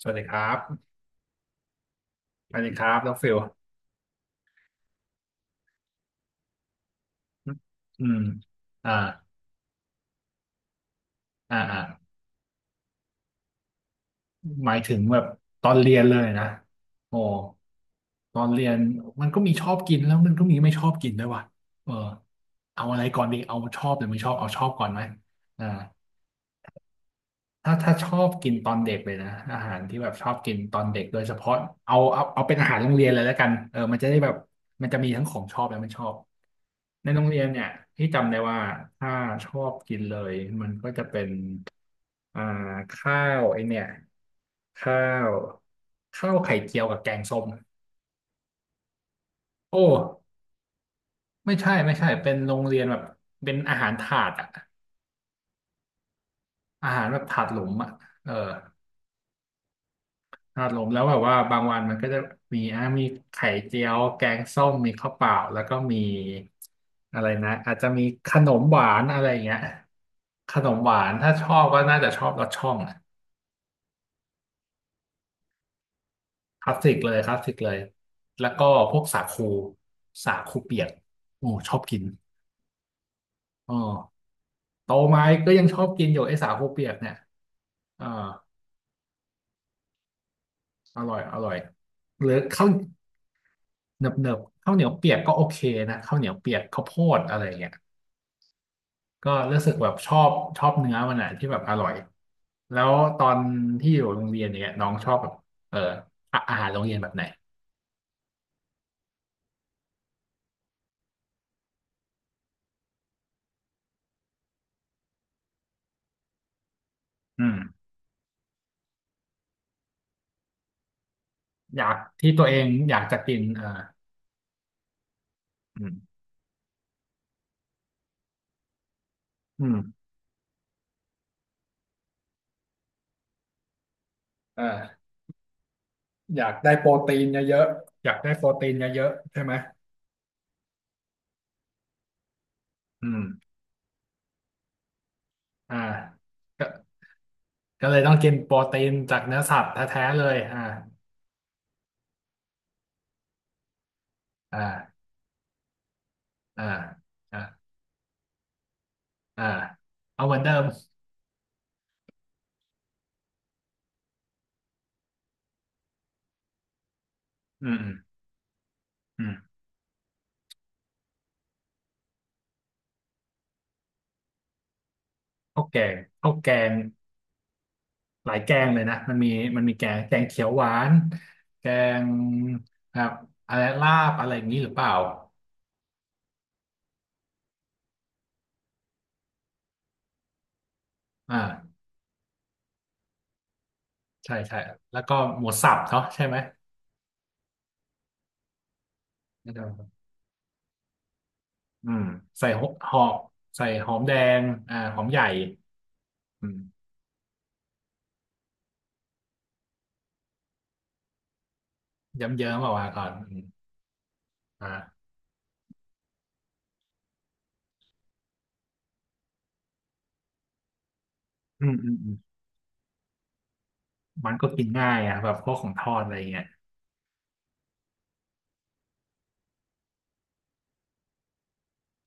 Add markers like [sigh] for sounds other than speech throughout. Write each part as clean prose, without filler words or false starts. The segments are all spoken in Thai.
สวัสดีครับสวัสดีครับน้องฟิลอืมอ่าอ่าอ่าหมายถึงแบบตอนเรียนเลยนะโอ้ตอนเรียนมันก็มีชอบกินแล้วมันก็มีไม่ชอบกินด้วยว่ะเออเอาอะไรก่อนดีเอาชอบหรือไม่ชอบเอาชอบก่อนไหมอ่าถ้าชอบกินตอนเด็กเลยนะอาหารที่แบบชอบกินตอนเด็กโดยเฉพาะเอาเป็นอาหารโรงเรียนเลยแล้วกันเออมันจะได้แบบมันจะมีทั้งของชอบและไม่ชอบ ในโรงเรียนเนี่ยพี่จำได้ว่าถ้าชอบกินเลยมันก็จะเป็นอ่าข้าวไอเนี่ยข้าวข้าวไข่เจียวกับแกงส้มโอ้ไม่ใช่เป็นโรงเรียนแบบเป็นอาหารถาดอะอาหารแบบถาดหลุมอะเออถาดหลุมแล้วแบบว่าบางวันมันก็จะมีอ่ะมีไข่เจียวแกงส้มมีข้าวเปล่าแล้วก็มีอะไรนะอาจจะมีขนมหวานอะไรอย่างเงี้ยขนมหวานถ้าชอบก็น่าจะชอบรสช่อง คลาสสิกเลยคลาสสิกเลยแล้วก็พวกสาคูสาคูเปียกโอ้ชอบกินอ๋อโตมาก็ยังชอบกินอยู่ไอ้สาคูเปียกเนี่ยอ่าอร่อยอร่อยหรือข้าวเนิบๆข้าวเหนียวเปียกก็โอเคนะข้าวเหนียวเปียกข้าวโพดอะไรอย่างเงี้ยก็รู้สึกแบบชอบชอบเนื้อมันอ่ะที่แบบอร่อยแล้วตอนที่อยู่โรงเรียนเนี่ยน้องชอบแบบเอออะอาหารโรงเรียนแบบไหนอืมอยากที่ตัวเองอยากจะกินอ่าอืมอืมเอ่ อยากได้โปรตีนเยอะๆอยากได้โปรตีนเยอะๆใช่ไหมอืมอ่าก็ก็เลยต้องกินโปรตีนจากเนื้อสัตว์แท้ๆเลยอ่าอ่าอ่าอ่าอ่าเอาเหมือนเดิมอืมอืมอืมข้าวแกงข้าวแกงหลายแกงเลยนะ มันมีแกงเขียวหวาน แกงครับอะไรลาบอะไรอย่างนี้หรือเปล่าอ่าใช่ใช่แล้วก็หมูสับเนาะใช่ไหม อืมใส่หหอกใส่หอมแดงอ่าหอมใหญ่อืมเยิ้มๆออกมาก่อนอืมอ่าอืมอืมอืมมันก็กินง่ายอ่ะแบบพวกของทอดอะไรเงี้ย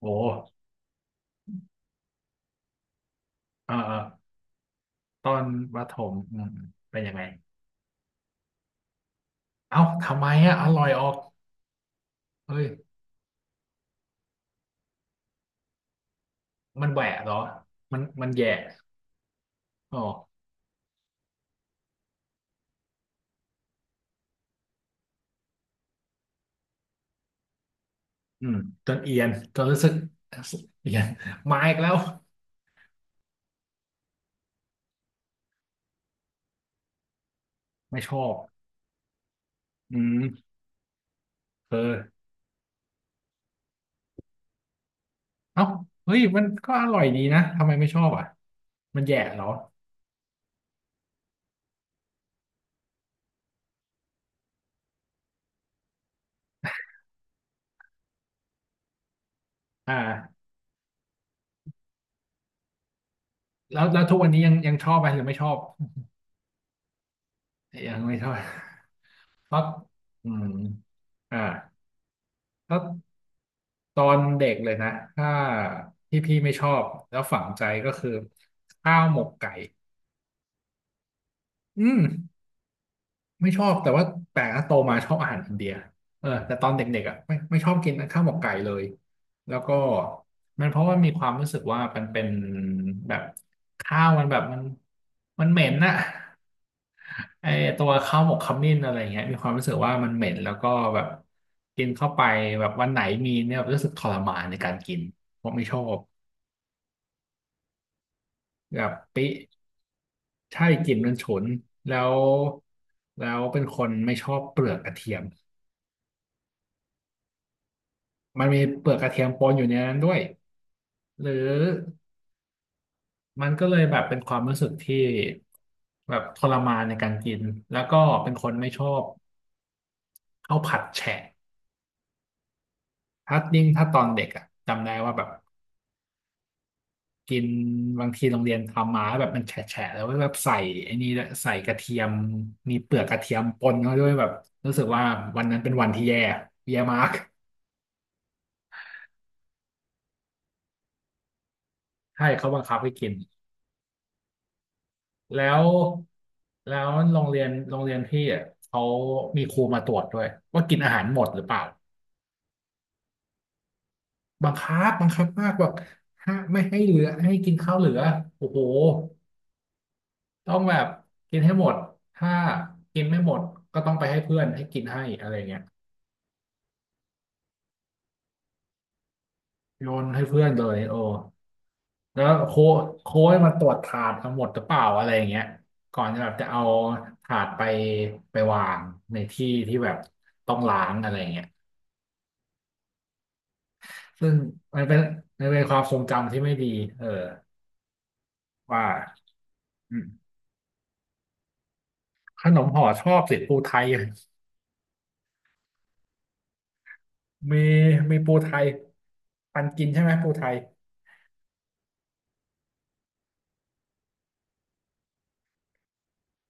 โอ้เออเออตอนประถมอืมเป็นยังไงเอ้าทำไมอ่ะอร่อยออกเฮ้ยมันแหวะเหรอมันมันแย่อ๋ออืมจนเอียนจนรู้สึกเอียนมาอีกแล้วไม่ชอบอืมเออเอ้าเฮ้ยมันก็อร่อยดีนะทำไมไม่ชอบอ่ะมันแย่เหรอ อ่าแล้วทุกวันนี้ยังชอบไหมหรือไม่ชอบยังไม่ชอบ [laughs] เพราะอืมอ่าถ้าตอนเด็กเลยนะถ้าที่พี่ไม่ชอบแล้วฝังใจก็คือข้าวหมกไก่อืมไม่ชอบแต่ว่าแปลกนะโตมาชอบอาหารอินเดียเออแต่ตอนเด็กๆอ่ะไม่ชอบกินข้าวหมกไก่เลยแล้วก็มันเพราะว่ามีความรู้สึกว่ามันเป็นแบบข้าวมันแบบมันมันเหม็นน่ะ ไอตัวข้าวหมกขมิ้นอะไรเงี้ยมีความรู้สึกว่ามันเหม็นแล้วก็แบบกินเข้าไปแบบวันไหนมีเนี่ยรู้สึกทรมานในการกินผมไม่ชอบแบบปิใช่กลิ่นมันฉุนแล้วแล้วเป็นคนไม่ชอบเปลือกกระเทียมมันมีเปลือกกระเทียมปนอยู่ในนั้นด้วยหรือมันก็เลยแบบเป็นความรู้สึกที่แบบทรมานในการกินแล้วก็เป็นคนไม่ชอบข้าวผัดแฉะถ้ายิ่งถ้าตอนเด็กอะจำได้ว่าแบบ กินบางทีโรงเรียนทำมาแบบมันแฉะๆแล้วก็แบบใส่ไอ้นี่ด้วยใส่กระเทียมมีเปลือกกระเทียมปนเข้าด้วยแบบรู้สึกว่าวันนั้นเป็นวันที่แย่แย่มาก [laughs] ใช่เขาบังคับให้กินแล้วแล้วโรงเรียนพี่อ่ะเขามีครูมาตรวจด้วยว่ากินอาหารหมดหรือเปล่าบังคับมากแบบห้าไม่ให้เหลือให้กินข้าวเหลือโอ้โหต้องแบบกินให้หมดถ้ากินไม่หมดก็ต้องไปให้เพื่อนให้กินให้อะไรเงี้ย โยนให้เพื่อนเลยโอ้แล้วโค้ชมาตรวจถาดทั้งหมดหรือเปล่าอะไรอย่างเงี้ยก่อนจะแบบจะเอาถาดไปไปวางในที่ที่แบบต้องล้างอะไรอย่างเงี้ยซึ่งมันเป็นมันเป็นความทรงจำที่ไม่ดีเออว่าอืมขนมห่อชอบสิปูไทยมีมีปูไทยปันกินใช่ไหมปูไทย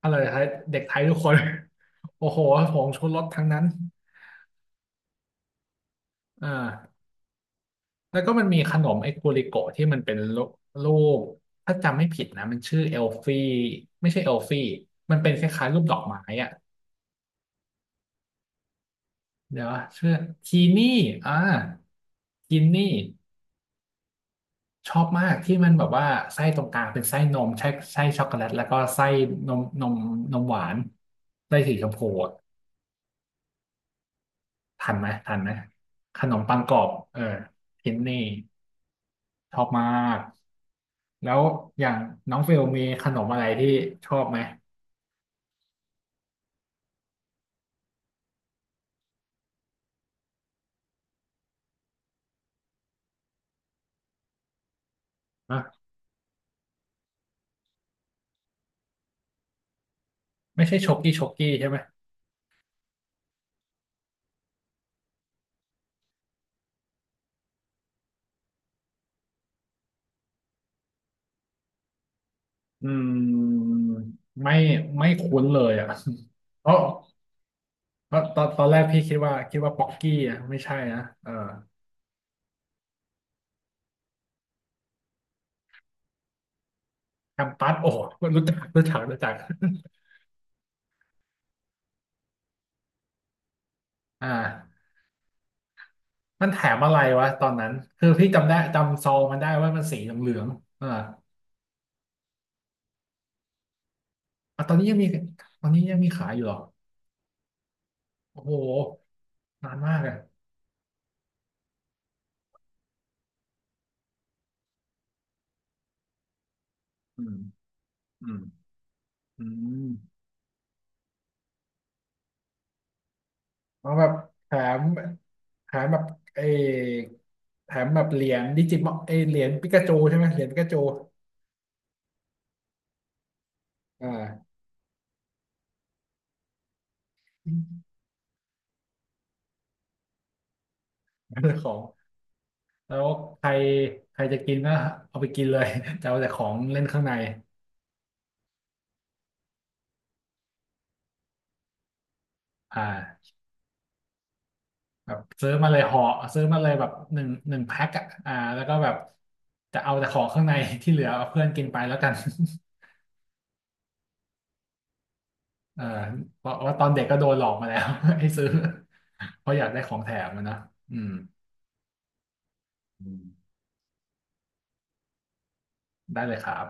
อร่อยไทยเด็กไทยทุกคน [laughs] โอ้โหผงชูรสทั้งนั้นเออ แล้วก็มันมีขนมไอ้กูริโกะที่มันเป็นรูรูปถ้าจำไม่ผิดนะมันชื่อเอลฟี่ไม่ใช่เอลฟี่มันเป็นคล้ายๆรูปดอกไม้อะเดี๋ยวชื่อทีนี่อ่าทีนี่ชอบมากที่มันแบบว่าไส้ตรงกลางเป็นไส้นมใช่ไส้ช็อกโกแลตแล้วก็ไส้นมนมหวานไส้สีชมพูอะ ทันไหมทันไหมขนมปังกรอบเออทินนี่ชอบมากแล้วอย่างน้องเฟลมีขนมอะไรที่ชอบไหมอ่ะไม่ใช่ช็อกกี้ใช่ไหมอืมไม่ไม่คุ้นเลยอ่ะ [laughs] เพราะเพราะตอนแรกพี่คิดว่าป๊อกกี้อ่ะไม่ใช่นะเออแคมปัสโอ้โหรู้จักรู้จักรู้จัก [laughs] อ่ามันแถมอะไรวะตอนนั้นคือพี่จำได้จำซองมันได้ว่ามันสีเหลืองๆเออ อ่ะตอนนี้ยังมีตอนนี้ยังมีขายอยู่เหรอโอ้โหนานมากเลยอืมอืมอืมเอาแบบแถมแถมแบบเออแถมแบบเหรียญดิจิมอลเออเหรียญปิกาจูใช่ไหมเหรียญปิกาจูอ่าเรื่อง [laughs] ของแล้วใครใครจะกินก็เอาไปกินเลย [laughs] จะเอาแต่ของเล่นข้างในอ่าแบบซื้อมาเลยห่อซื้อมาเลยแบบหนึ่งแพ็คอะอ่าแล้วก็แบบจะเอาแต่ของข้างใน [laughs] ที่เหลือเอาเพื่อนกินไปแล้วกัน เออเพราะว่าตอนเด็กก็โดนหลอกมาแล้ว [laughs] ให้ซื้อเพราะอยากได้ของแถมอะนะอืมอืมได้เลยครับ